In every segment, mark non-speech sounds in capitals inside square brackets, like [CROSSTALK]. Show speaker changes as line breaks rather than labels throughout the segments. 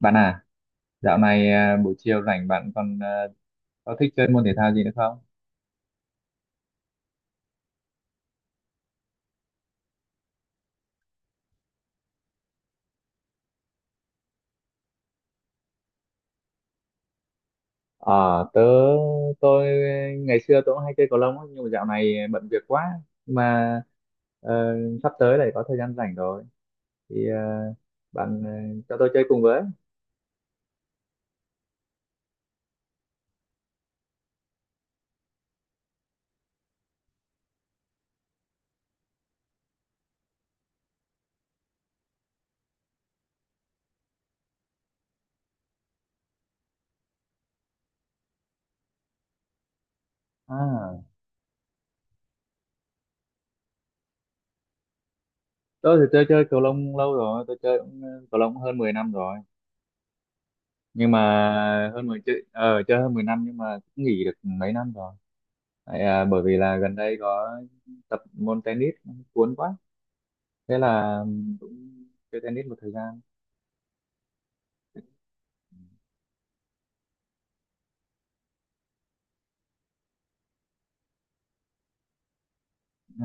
Bạn à, dạo này buổi chiều rảnh bạn còn có thích chơi môn thể thao gì nữa không? Ờ, tớ tôi ngày xưa tôi cũng hay chơi cầu lông á, nhưng mà dạo này bận việc quá. Nhưng mà ờ, sắp tới lại có thời gian rảnh rồi thì bạn cho tôi chơi cùng với. à, tôi thì tôi chơi cầu lông lâu rồi, tôi chơi cũng, cầu lông hơn 10 năm rồi, nhưng mà hơn 10 chơi ờ, chơi hơn 10 năm nhưng mà cũng nghỉ được mấy năm rồi. Tại, bởi vì là gần đây có tập môn tennis cuốn quá, thế là cũng chơi tennis một thời gian. Ừ.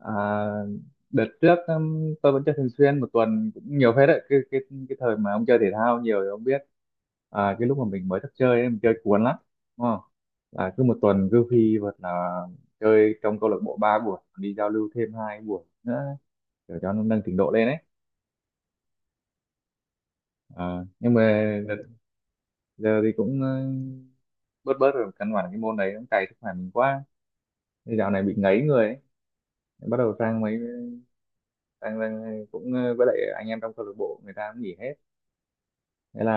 à, Đợt trước tôi vẫn chơi thường xuyên, một tuần cũng nhiều phết đấy. Cái cái thời mà ông chơi thể thao nhiều thì ông biết, cái lúc mà mình mới thức chơi ấy, mình chơi cuốn lắm, đúng không? Là cứ một tuần cứ phi vật là chơi trong câu lạc bộ ba buổi, đi giao lưu thêm hai buổi nữa để cho nó nâng trình độ lên ấy. Ờ, nhưng mà đợt giờ thì cũng bớt bớt rồi, căn bản cái môn đấy cũng cày sức khỏe mình quá. Thế dạo này bị ngấy người ấy, bắt đầu sang mấy, đang đang cũng với lại anh em trong câu lạc bộ người ta cũng nghỉ hết, thế là,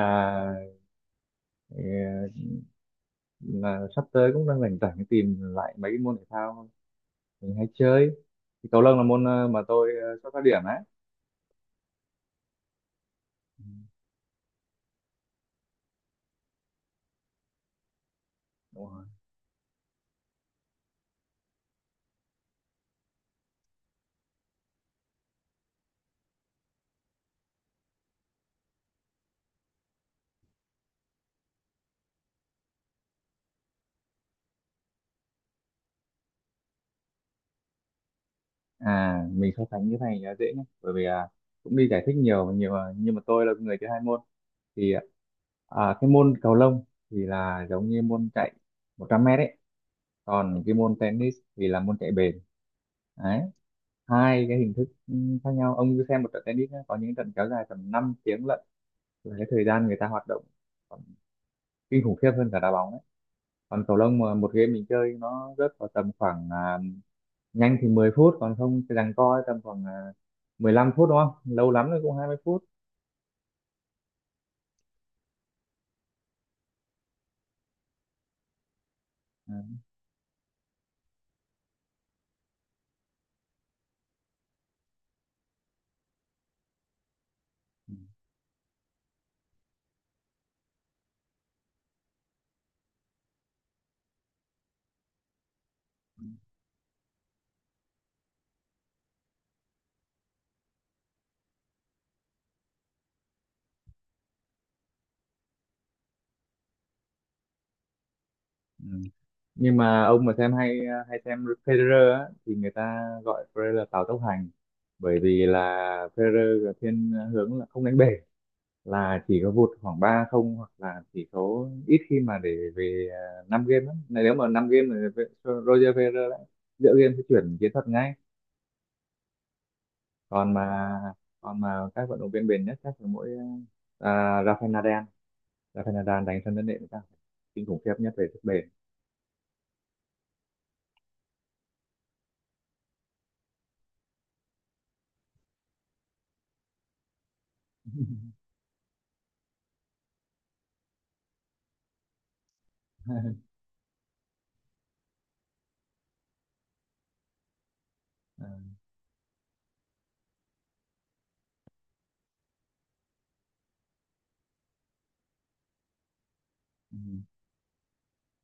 ờ, là sắp tới cũng đang rảnh rảnh, tìm lại mấy cái môn thể thao mình hay chơi, thì cầu lông là môn mà tôi xuất phát điểm á. Ừ, đúng rồi. Mình so sánh cái này là dễ nhé, bởi vì cũng đi giải thích nhiều nhiều nhưng mà tôi là người chơi hai môn thì cái môn cầu lông thì là giống như môn chạy 100 mét ấy, còn cái môn tennis thì là môn chạy bền đấy. Hai cái hình thức khác nhau. Ông cứ xem một trận tennis nhá, có những trận kéo dài tầm 5 tiếng lận, là cái thời gian người ta hoạt động còn kinh khủng khiếp hơn cả đá bóng đấy. Còn cầu lông mà một game mình chơi nó rớt vào tầm khoảng nhanh thì 10 phút, còn không thì giằng co tầm khoảng 15 phút, đúng không, lâu lắm rồi cũng 20 phút. À. Ừ. Nhưng mà ông mà xem hay hay xem Federer á, thì người ta gọi Federer là Tào tốc hành, bởi vì là Federer là thiên hướng là không đánh bể, là chỉ có vụt khoảng ba không, hoặc là chỉ có ít khi mà để về 5 game lắm. Này nếu mà 5 game thì Roger Federer lại giữa game sẽ chuyển chiến thuật ngay. Còn mà còn mà các vận động viên bền nhất chắc là mỗi à, Rafael Nadal. Rafael Nadal đánh sân đất nện chắc là kinh khủng khiếp nhất về sức bền. [LAUGHS] À, ừ.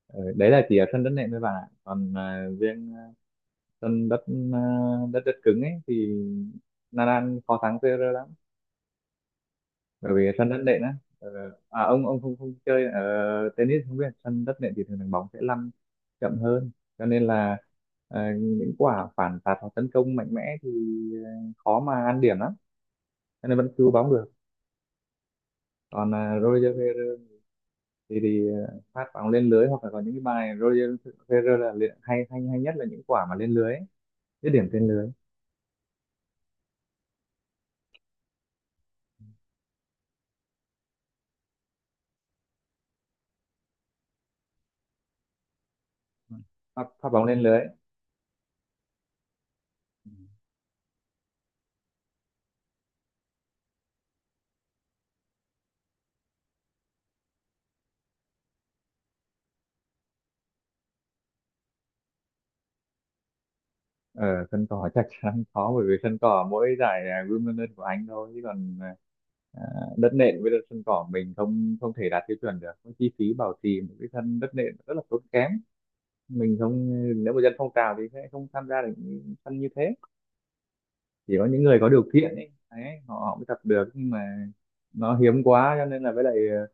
Ừ, đấy là chỉ ở sân đất nện với bạn ạ, còn riêng sân đất, à, đất cứng ấy thì Nadal khó thắng Federer lắm, bởi vì sân đất nện á. Ờ, ông không không chơi ở tennis không biết, sân đất nện thì thường thường bóng sẽ lăn chậm hơn, cho nên là những quả phản tạt hoặc tấn công mạnh mẽ thì à, khó mà ăn điểm lắm, cho nên vẫn cứu bóng được. Còn Roger Federer thì, phát bóng lên lưới hoặc là có những cái bài Roger Federer là hay hay hay nhất là những quả mà lên lưới ấy, dứt điểm trên lưới. Pháp bóng lên lưới. Ở sân cỏ [LAUGHS] chắc chắn khó, bởi vì sân cỏ mỗi giải Wimbledon của Anh thôi, chứ còn à, đất nện với đất sân cỏ mình không không thể đạt tiêu chuẩn được. Cái chi phí bảo trì một cái sân đất nện rất là tốn kém, mình không, nếu mà dân phong trào thì sẽ không tham gia được những sân như thế, chỉ có những người có điều kiện ấy đấy, họ, họ mới tập được. Nhưng mà nó hiếm quá, cho nên là với lại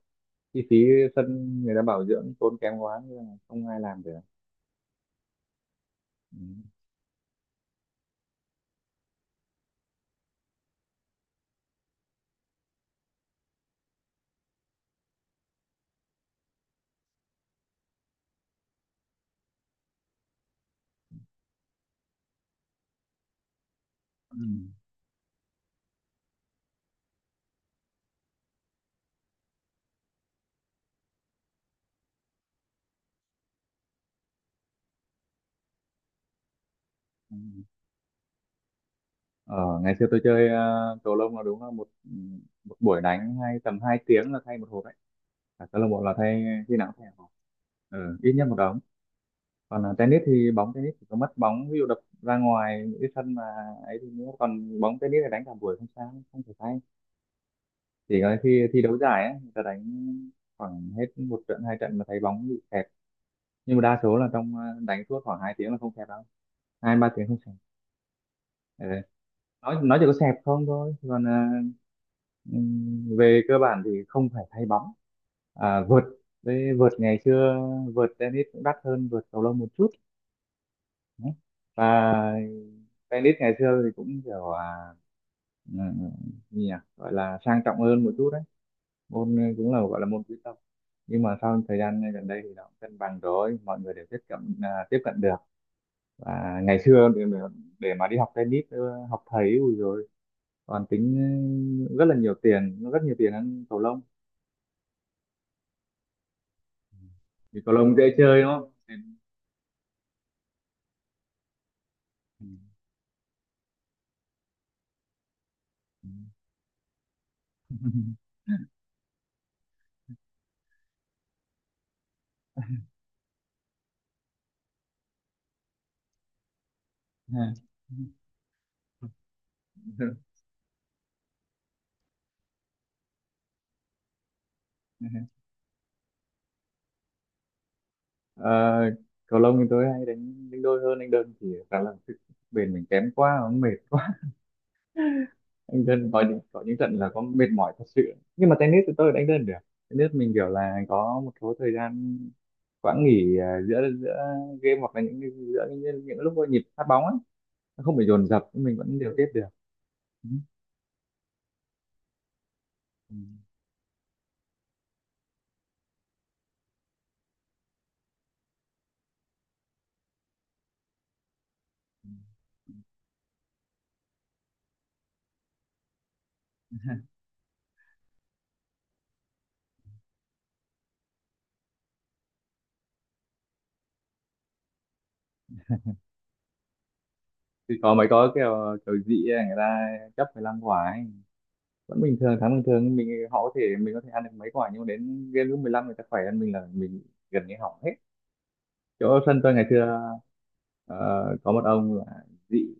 chi phí sân người ta bảo dưỡng tốn kém quá nên là không ai làm được. Ừ. Ừ. Ừ. Ờ, ngày xưa tôi chơi cầu lông là đúng là một, một buổi đánh hay tầm 2 tiếng là thay một hộp đấy. Cả câu lạc bộ là thay, khi nào cũng thay một hộp. Ừ, ít nhất một đống. Còn tennis thì bóng tennis chỉ có mất bóng, ví dụ đập ra ngoài những cái sân mà ấy thì nữa. Còn bóng tennis thì đánh cả buổi không sao, không phải thay. Chỉ có khi thi đấu giải ấy, người ta đánh khoảng hết một trận hai trận mà thấy bóng bị kẹt. Nhưng mà đa số là trong đánh suốt khoảng 2 tiếng là không kẹt đâu. Hai ba tiếng không kẹt. Ừ. Nói chỉ có xẹp không thôi. Còn ừm, về cơ bản thì không phải thay bóng. Vợt, với vợt ngày xưa, vợt tennis cũng đắt hơn vợt cầu lông một chút. Đấy. Và tennis ngày xưa thì cũng kiểu ừ, gì nhỉ, gọi là sang trọng hơn một chút đấy, môn cũng là gọi là môn quý tộc. Nhưng mà sau thời gian gần đây thì nó cũng cân bằng rồi, mọi người đều tiếp cận tiếp cận được. Và ngày xưa để mà đi học tennis học thầy ui rồi còn tính, rất là nhiều tiền, rất nhiều tiền hơn cầu lông. Vì cầu lông dễ chơi đúng không? [LAUGHS] Ờ, cầu lông thì tôi hay đánh đánh đôi hơn, đánh đơn thì khá là sức bền mình kém quá, nó mệt quá. [LAUGHS] Đánh đơn có những trận là có mệt mỏi thật sự, nhưng mà tennis thì tôi đánh đơn được. Tennis mình kiểu là có một số thời gian, quãng nghỉ giữa giữa game hoặc là giữa những lúc có nhịp phát bóng ấy, nó không bị dồn dập, mình vẫn điều tiết được. Ừ. Ừ. Thì có mấy, có kiểu kiểu dị ấy, người ta chấp 15 quả ấy vẫn bình thường, tháng bình thường mình, họ có thể, mình có thể ăn được mấy quả nhưng mà đến game lúc 15 người ta khỏe hơn mình là mình gần như hỏng hết. Chỗ sân tôi ngày xưa ờ, có một ông là dị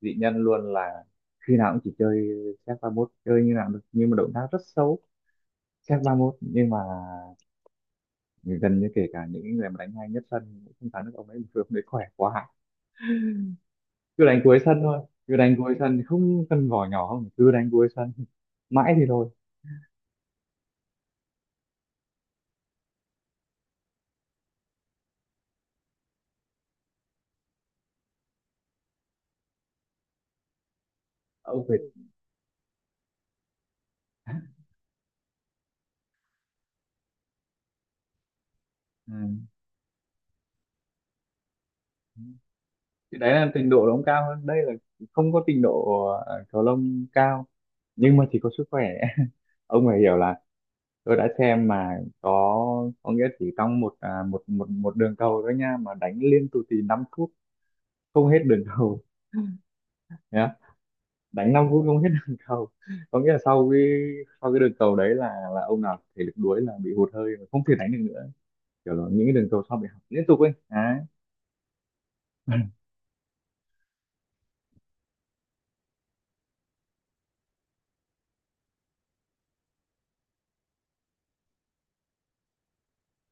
dị nhân luôn, là khi nào cũng chỉ chơi xếp ba mốt, chơi như nào được nhưng mà động tác rất xấu, xếp ba mốt nhưng mà gần như kể cả những người mà đánh hay nhất sân cũng không thắng được ông ấy vì ông đấy khỏe quá, cứ đánh cuối sân thôi, cứ đánh cuối sân không cần vỏ nhỏ, không cứ đánh cuối sân mãi thì thôi. Ông phải Ừ. Thì đấy là trình độ nó cao hơn, đây là không có trình độ cầu lông cao nhưng mà chỉ có sức khỏe. [LAUGHS] Ông phải hiểu là tôi đã xem mà có nghĩa chỉ trong một một một đường cầu thôi nha mà đánh liên tục thì 5 phút không hết đường cầu. [LAUGHS] Nhá, đánh 5 phút không hết đường cầu, có nghĩa là sau cái đường cầu đấy là ông nào thể lực đuối là bị hụt hơi và không thể đánh được nữa, kiểu là những cái đường cầu sau bị hỏng liên tục ấy đấy. [LAUGHS]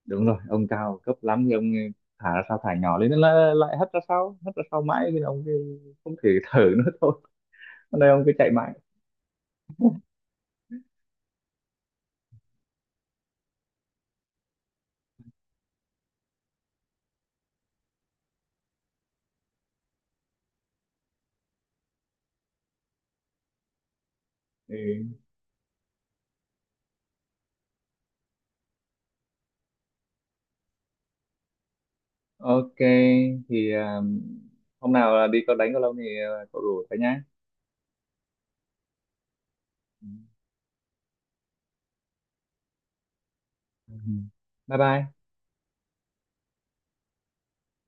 Đúng rồi, ông cao cấp lắm thì ông thả ra sao thả nhỏ lên nó lại lại hất ra sau, hất ra sau mãi nên ông cứ không thể thở nữa. [LAUGHS] Thôi, hôm nay ông cứ chạy mãi. Ừ. OK. Thì hôm nào đi có đánh cầu lông thì cậu rủ cả nhá. Ừ. Bye bye.